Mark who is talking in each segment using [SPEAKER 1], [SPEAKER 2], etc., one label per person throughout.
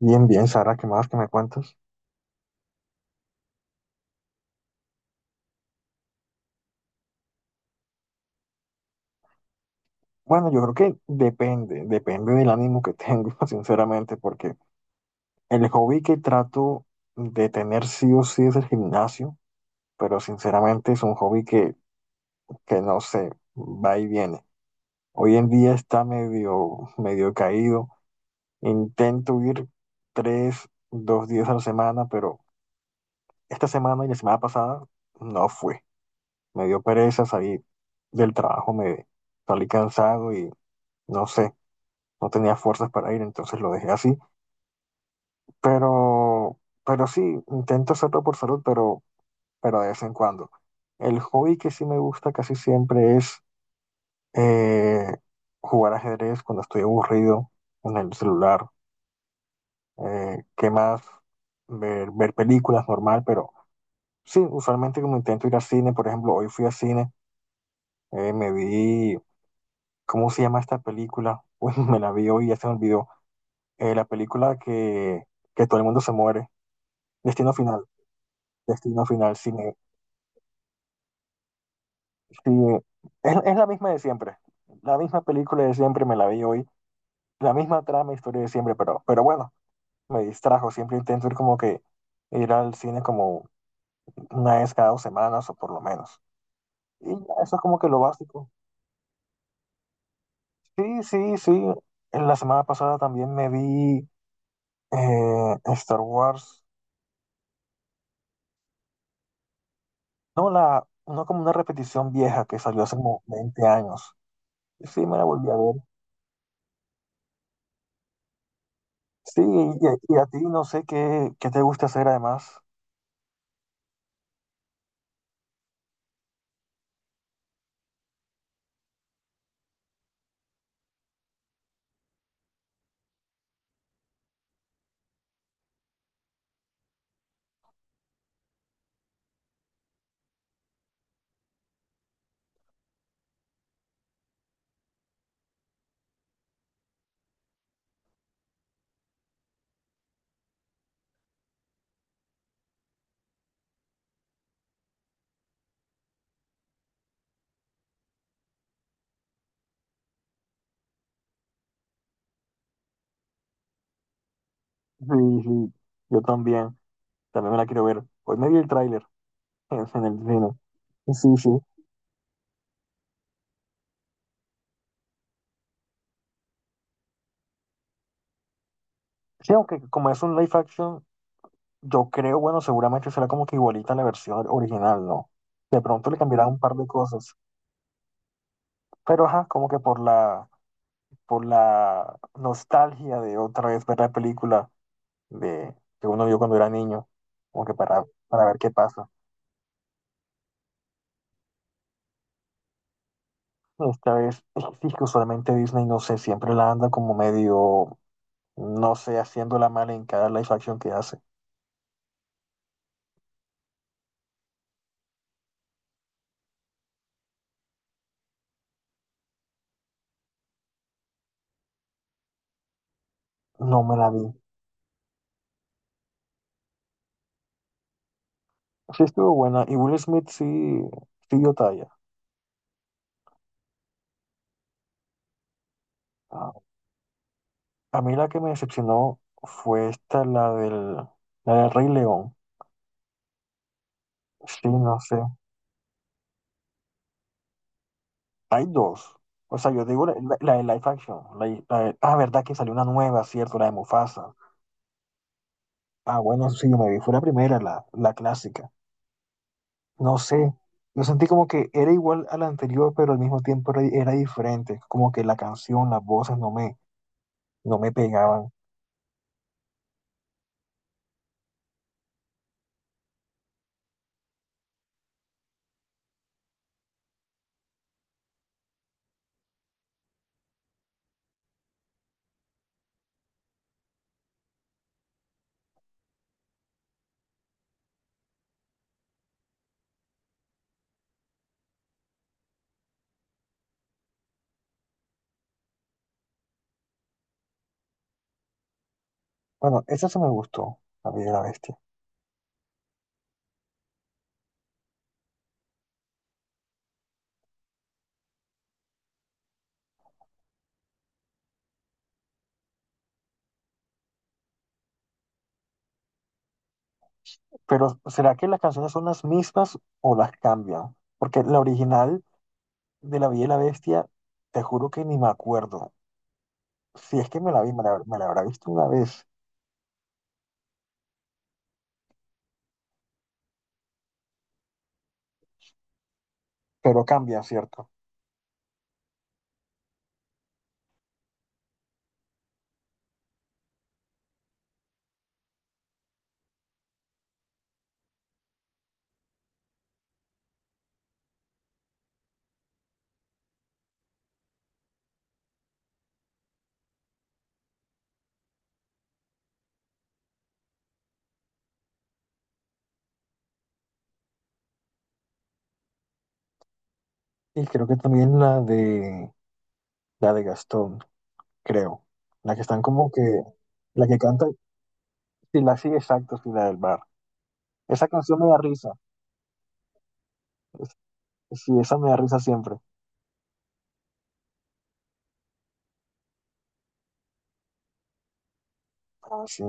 [SPEAKER 1] Bien, bien, Sara, ¿qué más que me cuentas? Bueno, yo creo que depende del ánimo que tengo, sinceramente, porque el hobby que trato de tener sí o sí es el gimnasio, pero sinceramente es un hobby que no sé, va y viene. Hoy en día está medio caído. Intento ir tres, dos días a la semana, pero esta semana y la semana pasada no fue. Me dio pereza salir del trabajo, me salí cansado y no sé. No tenía fuerzas para ir, entonces lo dejé así. Pero, pero sí, intento hacerlo por salud, pero de vez en cuando. El hobby que sí me gusta casi siempre es eh, jugar ajedrez cuando estoy aburrido en el celular. ¿qué más? Ver películas normal, pero sí, usualmente como intento ir al cine, por ejemplo, hoy fui al cine, eh, me vi, ¿cómo se llama esta película? Pues me la vi hoy y ya se me olvidó. La película que todo el mundo se muere, Destino Final. Destino Final sigue, sigue- es la misma de siempre. La misma película de siempre me la vi hoy. La misma trama, historia de siempre, pero bueno, me distrajo. Siempre intento ir como que ir al cine como una vez cada 2 semanas o por lo menos. Y ya, eso es como que lo básico. Sí, sí, sí. En la semana pasada también me vi Star Wars. No, no como una repetición vieja que salió hace como 20 años. Sí, me la volví a ver. Sí, y a ti no sé qué te gusta hacer además. Sí, sí, yo también. También me la quiero ver. Hoy me vi el tráiler en el cine. Sí, sí. Sí, aunque como es un live action, yo creo, bueno, seguramente será como que igualita a la versión original, ¿no? De pronto le cambiará un par de cosas. Pero ajá, como que por la nostalgia de otra vez ver la película de, que uno vio cuando era niño. Como que para ver qué pasa. Esta vez, es que usualmente Disney, no sé, siempre la anda como medio, no sé, haciéndola mal en cada live action que hace. No me la vi. Sí estuvo buena. Y Will Smith sí, sí dio talla. Ah, a mí la que me decepcionó fue esta, la del Rey León. Sí, no sé. Hay dos. O sea, yo digo la de live action. Ah, verdad que salió una nueva, ¿cierto? La de Mufasa. Ah, bueno, sí, yo me vi. Fue la primera, la clásica. No sé, yo sentí como que era igual a la anterior, pero al mismo tiempo era diferente, como que la canción, las voces no me pegaban. Bueno, esa se me gustó, La Bella y la Bestia. Pero ¿será que las canciones son las mismas o las cambian? Porque la original de La Bella y la Bestia, te juro que ni me acuerdo. Si es que me la vi, me la habrá visto una vez, pero cambia, ¿cierto? Y creo que también la de Gastón, creo. La que están como que, La que canta sí, sí, exacto, sí, la del Bar. Esa canción me da risa. Es- Sí, esa me da risa siempre. Ah, sí.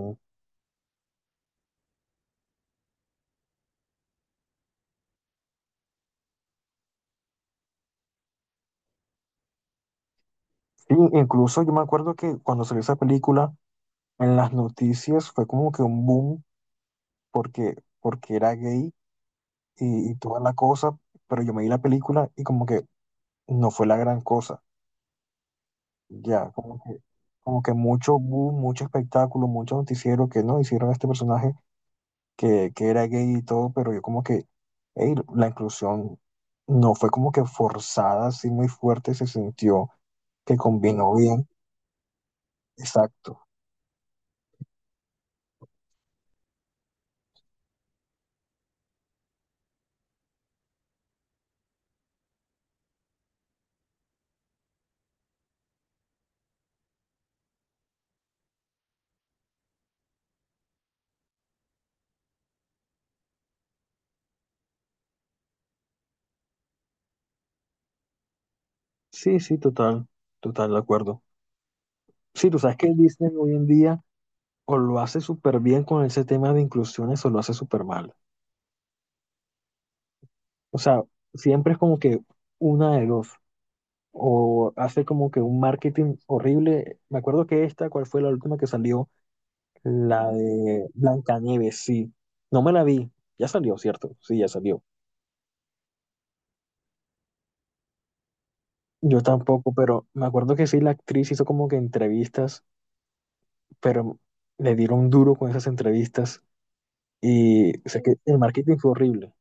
[SPEAKER 1] Sí, incluso yo me acuerdo que cuando salió esa película, en las noticias fue como que un boom porque, porque era gay y toda la cosa, pero yo me vi la película y como que no fue la gran cosa. Ya, como que mucho boom, mucho espectáculo, mucho noticiero que no hicieron a este personaje que era gay y todo, pero yo como que, hey, la inclusión no fue como que forzada, así muy fuerte, se sintió que combinó bien. Exacto. Sí, sí, total, total, de acuerdo. Sí, tú sabes que Disney hoy en día o lo hace súper bien con ese tema de inclusiones o lo hace súper mal. O sea, siempre es como que una de dos. O hace como que un marketing horrible. Me acuerdo que esta, ¿cuál fue la última que salió? La de Blancanieves, sí. No me la vi. Ya salió, ¿cierto? Sí, ya salió. Yo tampoco, pero me acuerdo que sí, la actriz hizo como que entrevistas, pero le dieron duro con esas entrevistas y sé que el marketing fue horrible.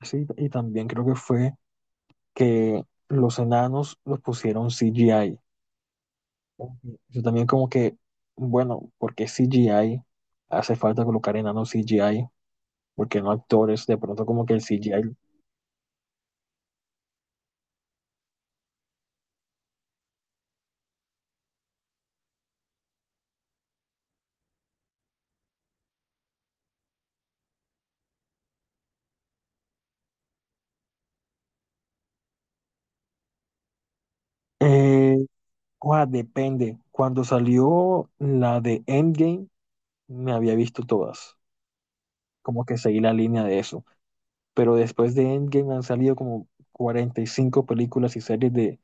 [SPEAKER 1] Sí, y también creo que fue que los enanos los pusieron CGI. Yo también como que, bueno, ¿por qué CGI? Hace falta colocar enanos CGI, porque no actores, de pronto como que el CGI... eh, Ua, depende. Cuando salió la de Endgame, me había visto todas. Como que seguí la línea de eso. Pero después de Endgame han salido como 45 películas y series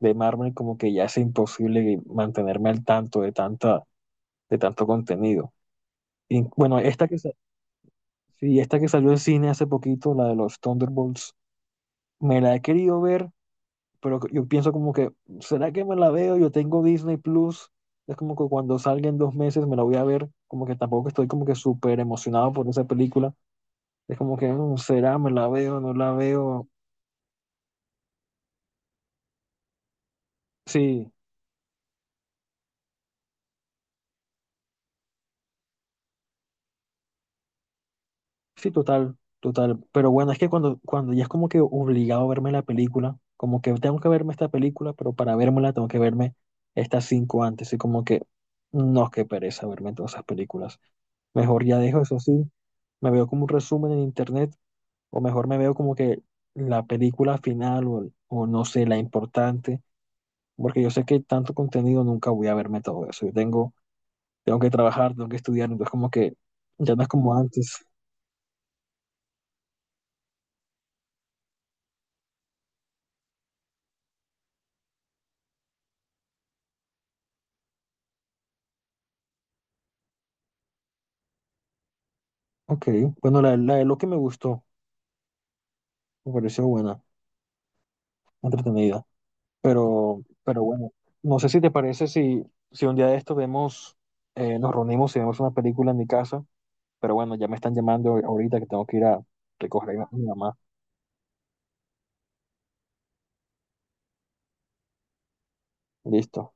[SPEAKER 1] de Marvel, como que ya es imposible mantenerme al tanto de tanta, de tanto contenido. Y bueno, sí, esta que salió en cine hace poquito, la de los Thunderbolts, me la he querido ver, pero yo pienso como que, ¿será que me la veo? Yo tengo Disney Plus, es como que cuando salga en 2 meses me la voy a ver, como que tampoco estoy como que súper emocionado por esa película, es como que, mm, ¿será? ¿Me la veo? ¿No la veo? Sí, sí, total, total, pero bueno, es que cuando ya es como que obligado a verme la película, como que tengo que verme esta película, pero para vérmela tengo que verme estas 5 antes, y como que, no, qué pereza verme todas esas películas, mejor ya dejo eso así, me veo como un resumen en internet o mejor me veo como que la película final o no sé, la importante, porque yo sé que tanto contenido nunca voy a verme todo eso. Tengo que trabajar, tengo que estudiar, entonces como que ya no es como antes. Ok, bueno, la de que me gustó, me pareció buena, entretenida, pero bueno, no sé si te parece si un día de esto vemos, nos reunimos y vemos una película en mi casa, pero bueno, ya me están llamando ahorita que tengo que ir a recoger a mi mamá. Listo.